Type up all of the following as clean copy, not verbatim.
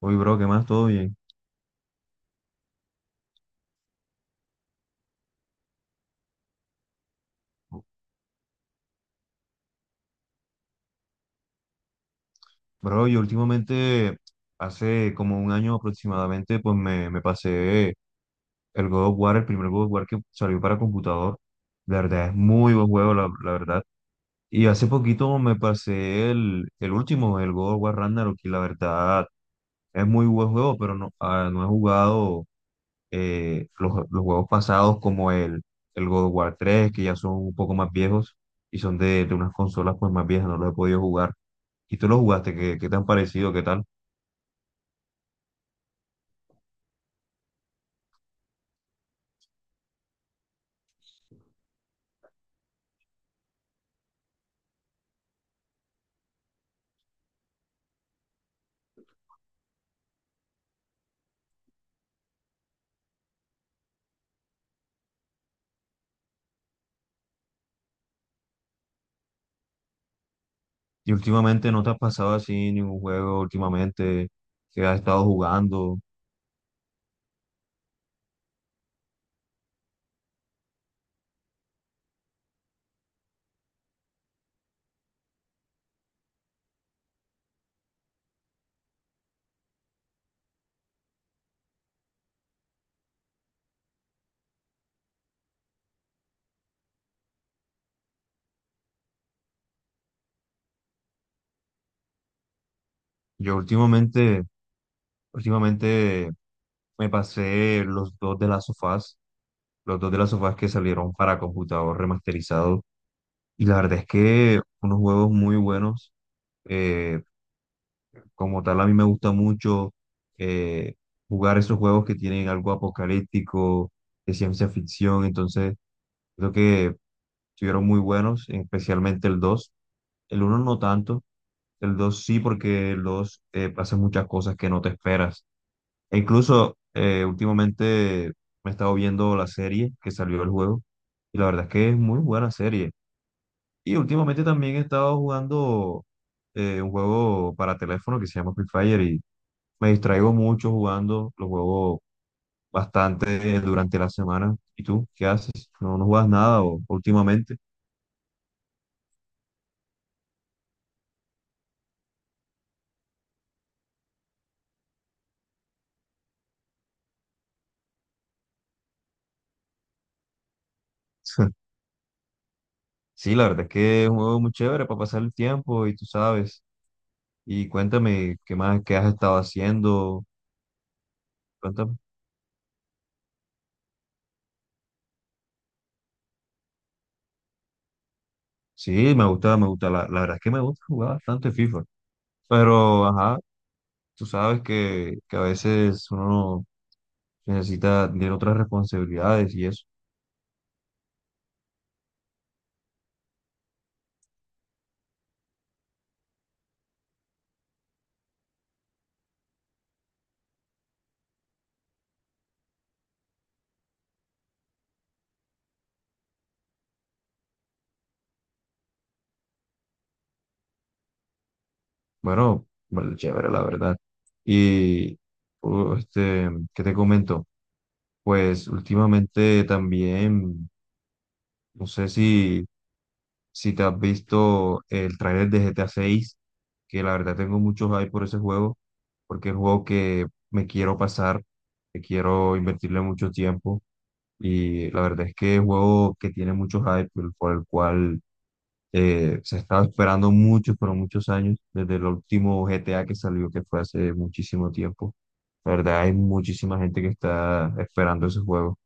Uy, bro, ¿qué más? ¿Todo bien? Bro, yo últimamente, hace como un año aproximadamente, pues me pasé el God of War, el primer God of War que salió para computador. La verdad, es muy buen juego, la verdad. Y hace poquito me pasé el último, el God of War Ragnarok, y la verdad es muy buen juego, pero no, no he jugado los juegos pasados como el God of War 3 que ya son un poco más viejos y son de unas consolas pues más viejas, no los he podido jugar. ¿Y tú lo jugaste? ¿Qué te han parecido? ¿Qué tal? ¿Y últimamente no te has pasado así ningún juego últimamente que has estado jugando? Yo últimamente, últimamente me pasé los dos de las sofás, los dos de las sofás que salieron para computador remasterizado. Y la verdad es que unos juegos muy buenos. eh, Como tal, a mí me gusta mucho eh, jugar esos juegos que tienen algo apocalíptico, de ciencia ficción. Entonces, creo que estuvieron muy buenos, especialmente el dos. El uno no tanto, el 2 sí, porque el 2 hace muchas cosas que no te esperas. E incluso últimamente me he estado viendo la serie que salió del juego y la verdad es que es muy buena serie. Y últimamente también he estado jugando un juego para teléfono que se llama Free Fire y me distraigo mucho jugando, lo juego bastante durante la semana. ¿Y tú qué haces? ¿No, no juegas nada o últimamente? Sí, la verdad es que es un juego muy chévere para pasar el tiempo y tú sabes. Y cuéntame qué más, qué has estado haciendo. Cuéntame. Sí, me gusta, me gusta. La verdad es que me gusta jugar bastante FIFA. Pero, ajá, tú sabes que a veces uno necesita tener otras responsabilidades y eso. Bueno, bueno, chévere, la verdad. Y, ¿qué te comento? Pues últimamente también, no sé si si te has visto el tráiler de GTA 6, que la verdad tengo mucho hype por ese juego, porque es un juego que me quiero pasar, que quiero invertirle mucho tiempo. Y la verdad es que es un juego que tiene mucho hype, por el cual se estaba esperando muchos, pero muchos años, desde el último GTA que salió, que fue hace muchísimo tiempo. La verdad, hay muchísima gente que está esperando ese juego.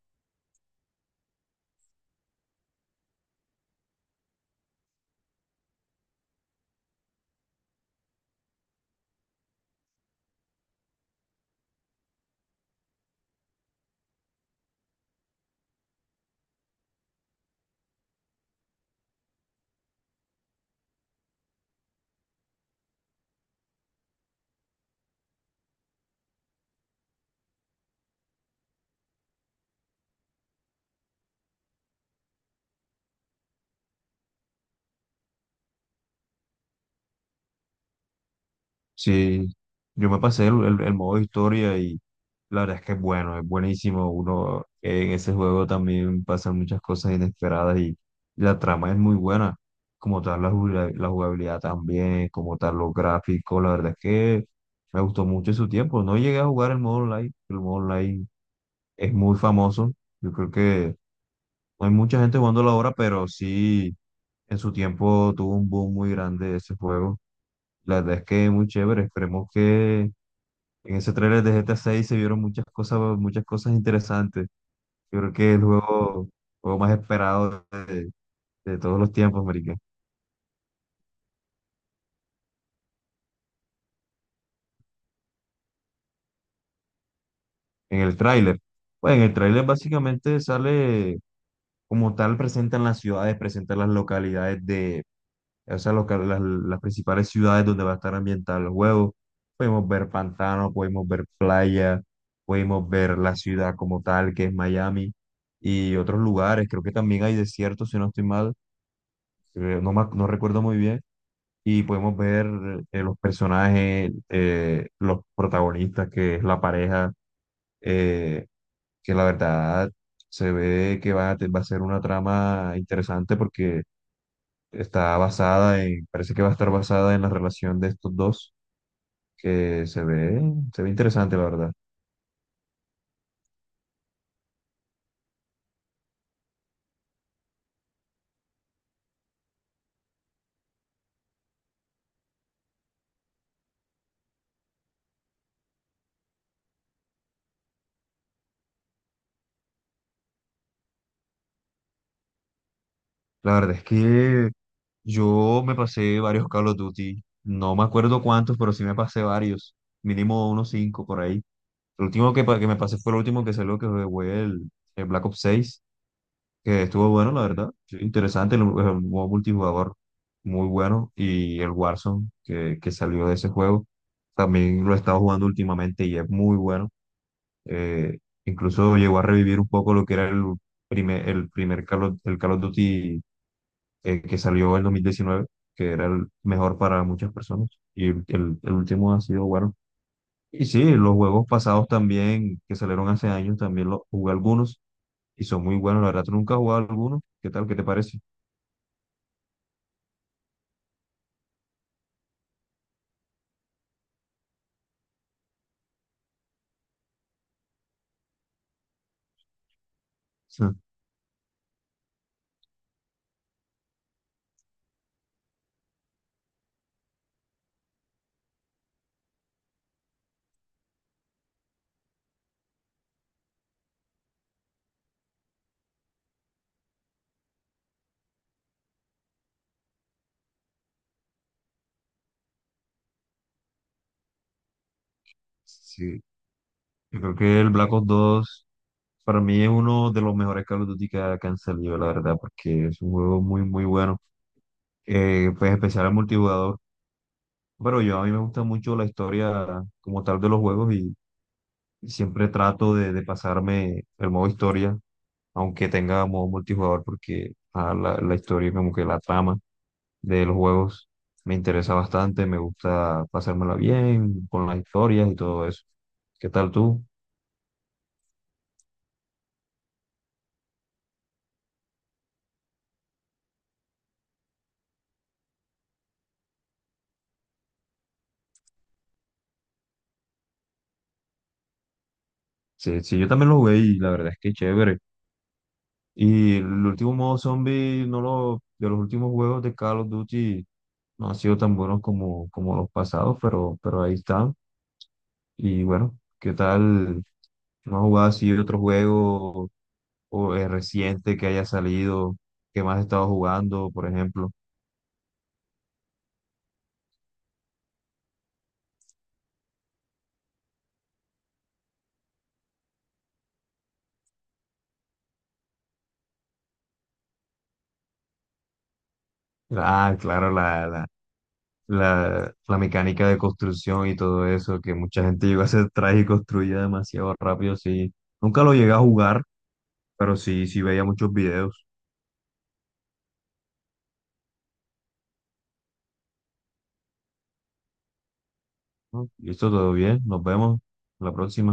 Sí, yo me pasé el modo historia y la verdad es que es bueno, es buenísimo. Uno en ese juego también pasan muchas cosas inesperadas y, la trama es muy buena. Como tal, la jugabilidad también, como tal, los gráficos, la verdad es que me gustó mucho en su tiempo. No llegué a jugar el modo online es muy famoso. Yo creo que no hay mucha gente jugándolo ahora, pero sí en su tiempo tuvo un boom muy grande ese juego. La verdad es que es muy chévere. Esperemos que en ese trailer de GTA 6 se vieron muchas cosas interesantes. Yo creo que es el juego, juego más esperado de todos los tiempos, marica. En el tráiler. Pues en el tráiler básicamente sale como tal, presentan las ciudades, presentan las localidades de, o sea, las principales ciudades donde va a estar ambientado el juego. Podemos ver pantano, podemos ver playa, podemos ver la ciudad como tal, que es Miami, y otros lugares. Creo que también hay desiertos, si no estoy mal. No, no recuerdo muy bien, y podemos ver los personajes, los protagonistas, que es la pareja, eh, que la verdad se ve que va a ser una trama interesante porque está basada en, parece que va a estar basada en la relación de estos dos, que se ve interesante, la verdad. La verdad es que yo me pasé varios Call of Duty, no me acuerdo cuántos, pero sí me pasé varios, mínimo unos cinco por ahí. El último que me pasé fue el último que salió, que fue el Black Ops 6, que estuvo bueno, la verdad. Sí, interesante, el modo multijugador muy bueno. Y el Warzone, que salió de ese juego, también lo he estado jugando últimamente y es muy bueno. Eh, Incluso llegó a revivir un poco lo que era el primer el Call of Duty que salió en 2019, que era el mejor para muchas personas. Y el último ha sido bueno. Y sí, los juegos pasados también, que salieron hace años, también los jugué algunos y son muy buenos. La verdad, tú nunca has jugado alguno. ¿Qué tal? ¿Qué te parece? Sí, yo creo que el Black Ops 2 para mí es uno de los mejores Call of Duty que han salido, la verdad, porque es un juego muy, muy bueno. Pues especial al multijugador. Pero yo a mí me gusta mucho la historia como tal de los juegos. Siempre trato de pasarme el modo historia, aunque tenga modo multijugador, porque la historia, como que la trama de los juegos me interesa bastante, me gusta pasármela bien con las historias y todo eso. ¿Qué tal tú? Sí, sí, yo también lo jugué y la verdad es que chévere. Y el último modo zombie, no lo, de los últimos juegos de Call of Duty, no han sido tan buenos como, como los pasados, pero ahí están. Y bueno, ¿qué tal? ¿No has jugado así otro juego o, reciente que haya salido? ¿Qué más has estado jugando, por ejemplo? Ah, claro, la mecánica de construcción y todo eso, que mucha gente llegó a hacer traje y construía demasiado rápido, sí. Nunca lo llegué a jugar, pero sí, sí veía muchos videos. ¿No? Listo, todo bien, nos vemos la próxima.